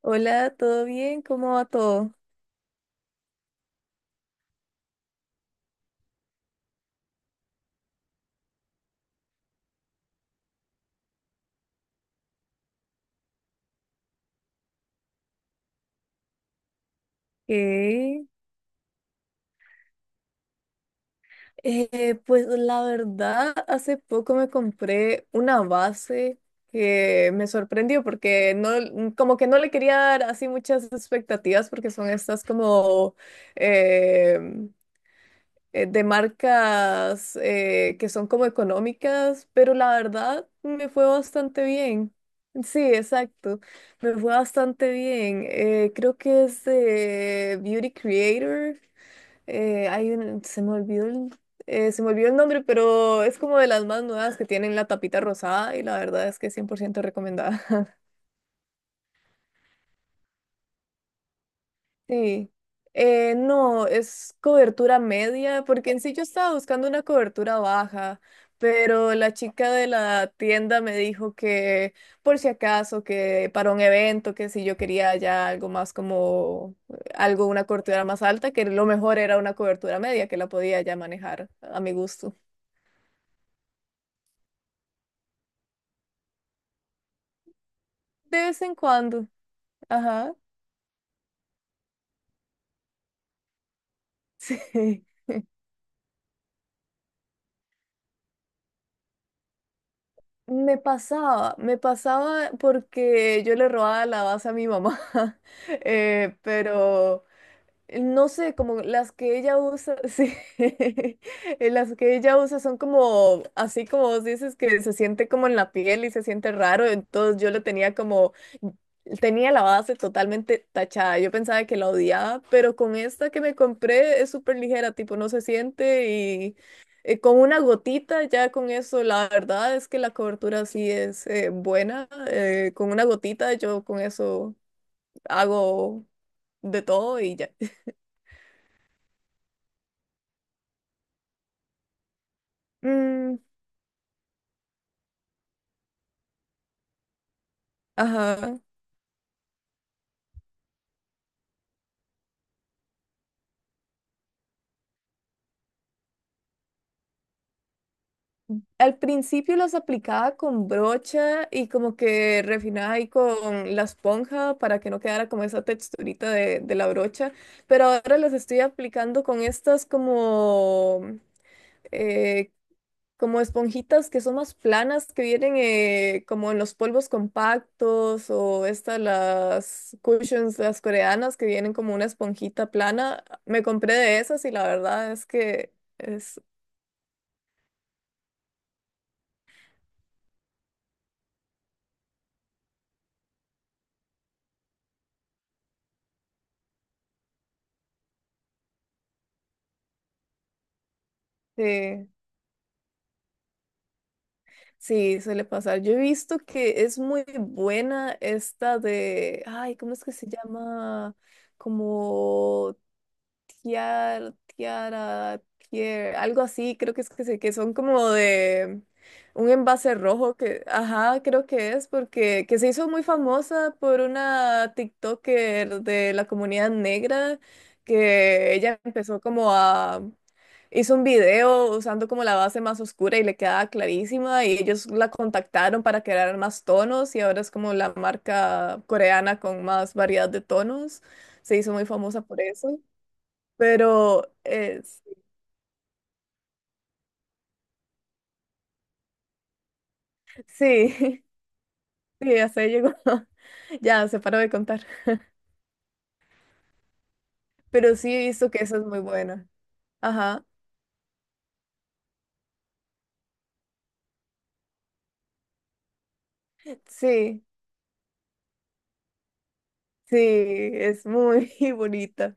Hola, ¿todo bien? ¿Cómo va todo? Ok. Pues la verdad, hace poco me compré una base que me sorprendió porque no, como que no le quería dar así muchas expectativas porque son estas como eh, de marcas que son como económicas, pero la verdad me fue bastante bien. Sí, exacto. Me fue bastante bien. Creo que es de Beauty Creator. Se me olvidó el, se me olvidó el nombre, pero es como de las más nuevas que tienen la tapita rosada y la verdad es que es 100% recomendada. Sí. No, es cobertura media, porque en sí yo estaba buscando una cobertura baja, pero la chica de la tienda me dijo que por si acaso, que para un evento, que si yo quería ya algo más como algo, una cobertura más alta, que lo mejor era una cobertura media, que la podía ya manejar a mi gusto. De vez en cuando, ajá, sí. Me pasaba porque yo le robaba la base a mi mamá. Pero no sé, como las que ella usa, sí, las que ella usa son como, así como vos dices, que se siente como en la piel y se siente raro, entonces yo lo tenía como, tenía la base totalmente tachada, yo pensaba que la odiaba, pero con esta que me compré es súper ligera, tipo no se siente y con una gotita ya con eso, la verdad es que la cobertura sí es buena, con una gotita yo con eso hago de todo y ya. Ajá. Al principio las aplicaba con brocha y como que refinaba ahí con la esponja para que no quedara como esa texturita de la brocha, pero ahora las estoy aplicando con estas como, eh, como esponjitas que son más planas, que vienen como en los polvos compactos o estas las cushions, las coreanas, que vienen como una esponjita plana. Me compré de esas y la verdad es que es... Sí, sí, suele pasar. Yo he visto que es muy buena esta de, ay, ¿cómo es que se llama? Como tiara, tiara, tier, algo así, creo que es que son como de un envase rojo que, ajá, creo que es porque que se hizo muy famosa por una TikToker de la comunidad negra que ella empezó como a hizo un video usando como la base más oscura y le quedaba clarísima y ellos la contactaron para crear más tonos y ahora es como la marca coreana con más variedad de tonos. Se hizo muy famosa por eso, pero es, sí, sí, hasta ahí llegó. Ya, se paró de contar. Pero sí he visto que esa es muy buena. Ajá, sí, sí, es muy bonita.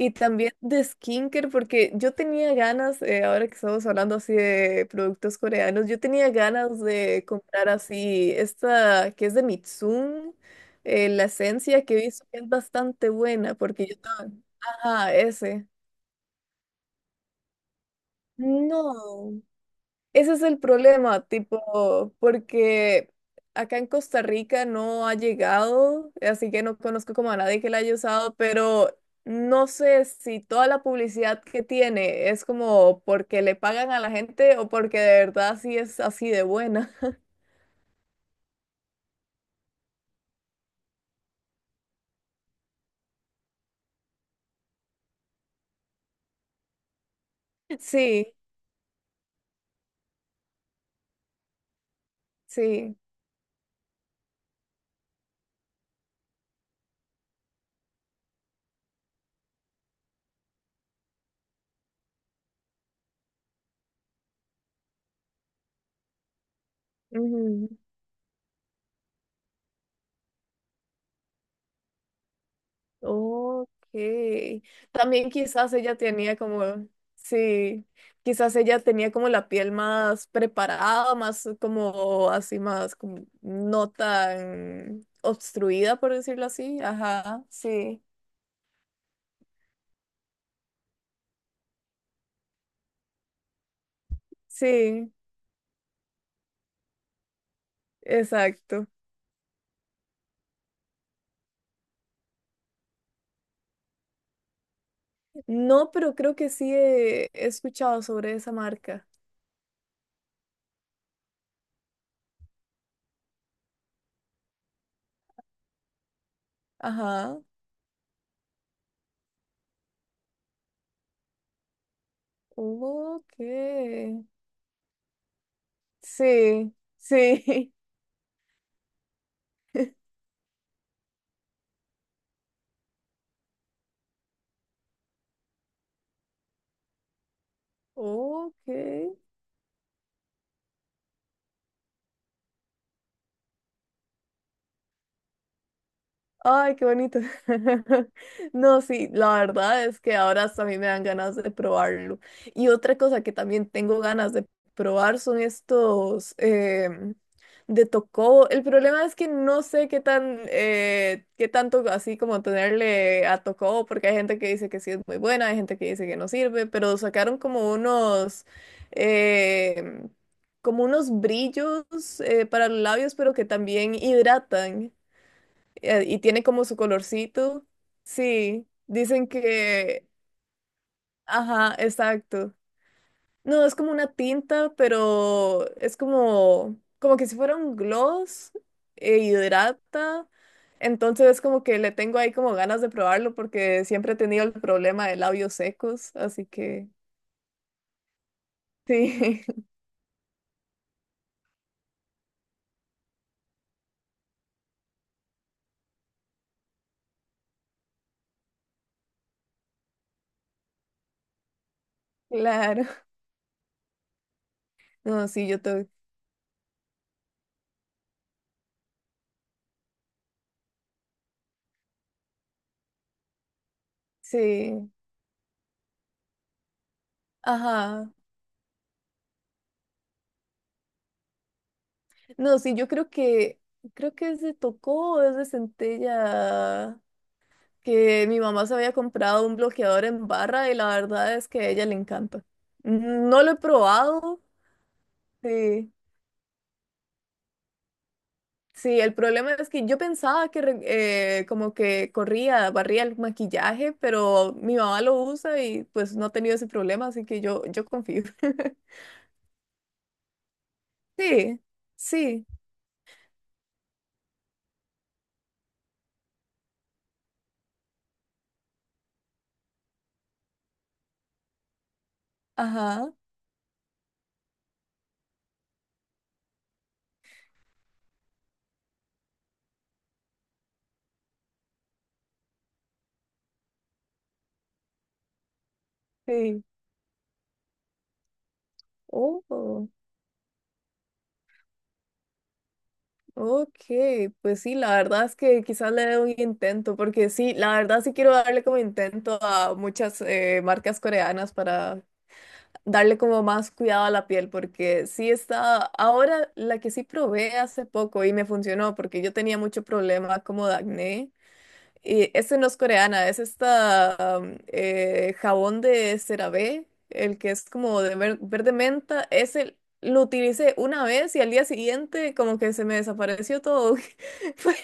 Y también de skincare, porque yo tenía ganas, ahora que estamos hablando así de productos coreanos, yo tenía ganas de comprar así esta que es de Mitsum, la esencia que he visto que es bastante buena, porque yo estaba... Ajá, ese. No. Ese es el problema, tipo, porque acá en Costa Rica no ha llegado, así que no conozco como a nadie que la haya usado, pero no sé si toda la publicidad que tiene es como porque le pagan a la gente o porque de verdad sí es así de buena. Sí, sí. Ok. También quizás ella tenía como, sí, quizás ella tenía como la piel más preparada, más como así, más como no tan obstruida, por decirlo así. Ajá, sí, sí, exacto. No, pero creo que sí he, he escuchado sobre esa marca. Ajá. Ok. Sí, sí. Ok. Ay, qué bonito. No, sí, la verdad es que ahora hasta a mí me dan ganas de probarlo. Y otra cosa que también tengo ganas de probar son estos de Tocobo. El problema es que no sé qué tan, qué tanto así como tenerle a Tocobo, porque hay gente que dice que sí es muy buena, hay gente que dice que no sirve, pero sacaron como em, unos brillos para los labios, pero que también hidratan y tiene como su colorcito. Sí, dicen que, ajá, exacto. No, es como una tinta, pero es como, como que si fuera un gloss, e hidrata. Entonces es como que le tengo ahí como ganas de probarlo porque siempre he tenido el problema de labios secos, así que sí, claro. No, sí, yo tengo, sí, ajá. No, sí, yo creo que es de Tocó o es de Centella. Que mi mamá se había comprado un bloqueador en barra y la verdad es que a ella le encanta. No lo he probado, sí. Sí, el problema es que yo pensaba que como que corría, barría el maquillaje, pero mi mamá lo usa y pues no ha tenido ese problema, así que yo confío. Sí, sí, ajá, sí. Oh. Ok, pues sí, la verdad es que quizás le dé un intento, porque sí, la verdad sí quiero darle como intento a muchas marcas coreanas para darle como más cuidado a la piel, porque sí está, ahora la que sí probé hace poco y me funcionó, porque yo tenía mucho problema como de acné. Y ese no es coreana, es esta jabón de CeraVe, el que es como de verde menta. Ese lo utilicé una vez y al día siguiente como que se me desapareció todo. Fue,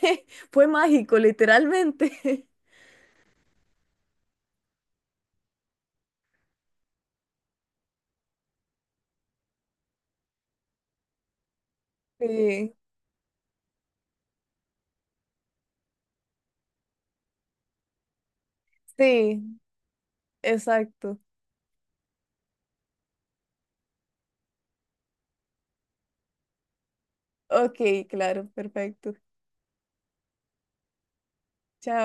fue mágico, literalmente. Sí, sí, exacto. Ok, claro, perfecto. Chao.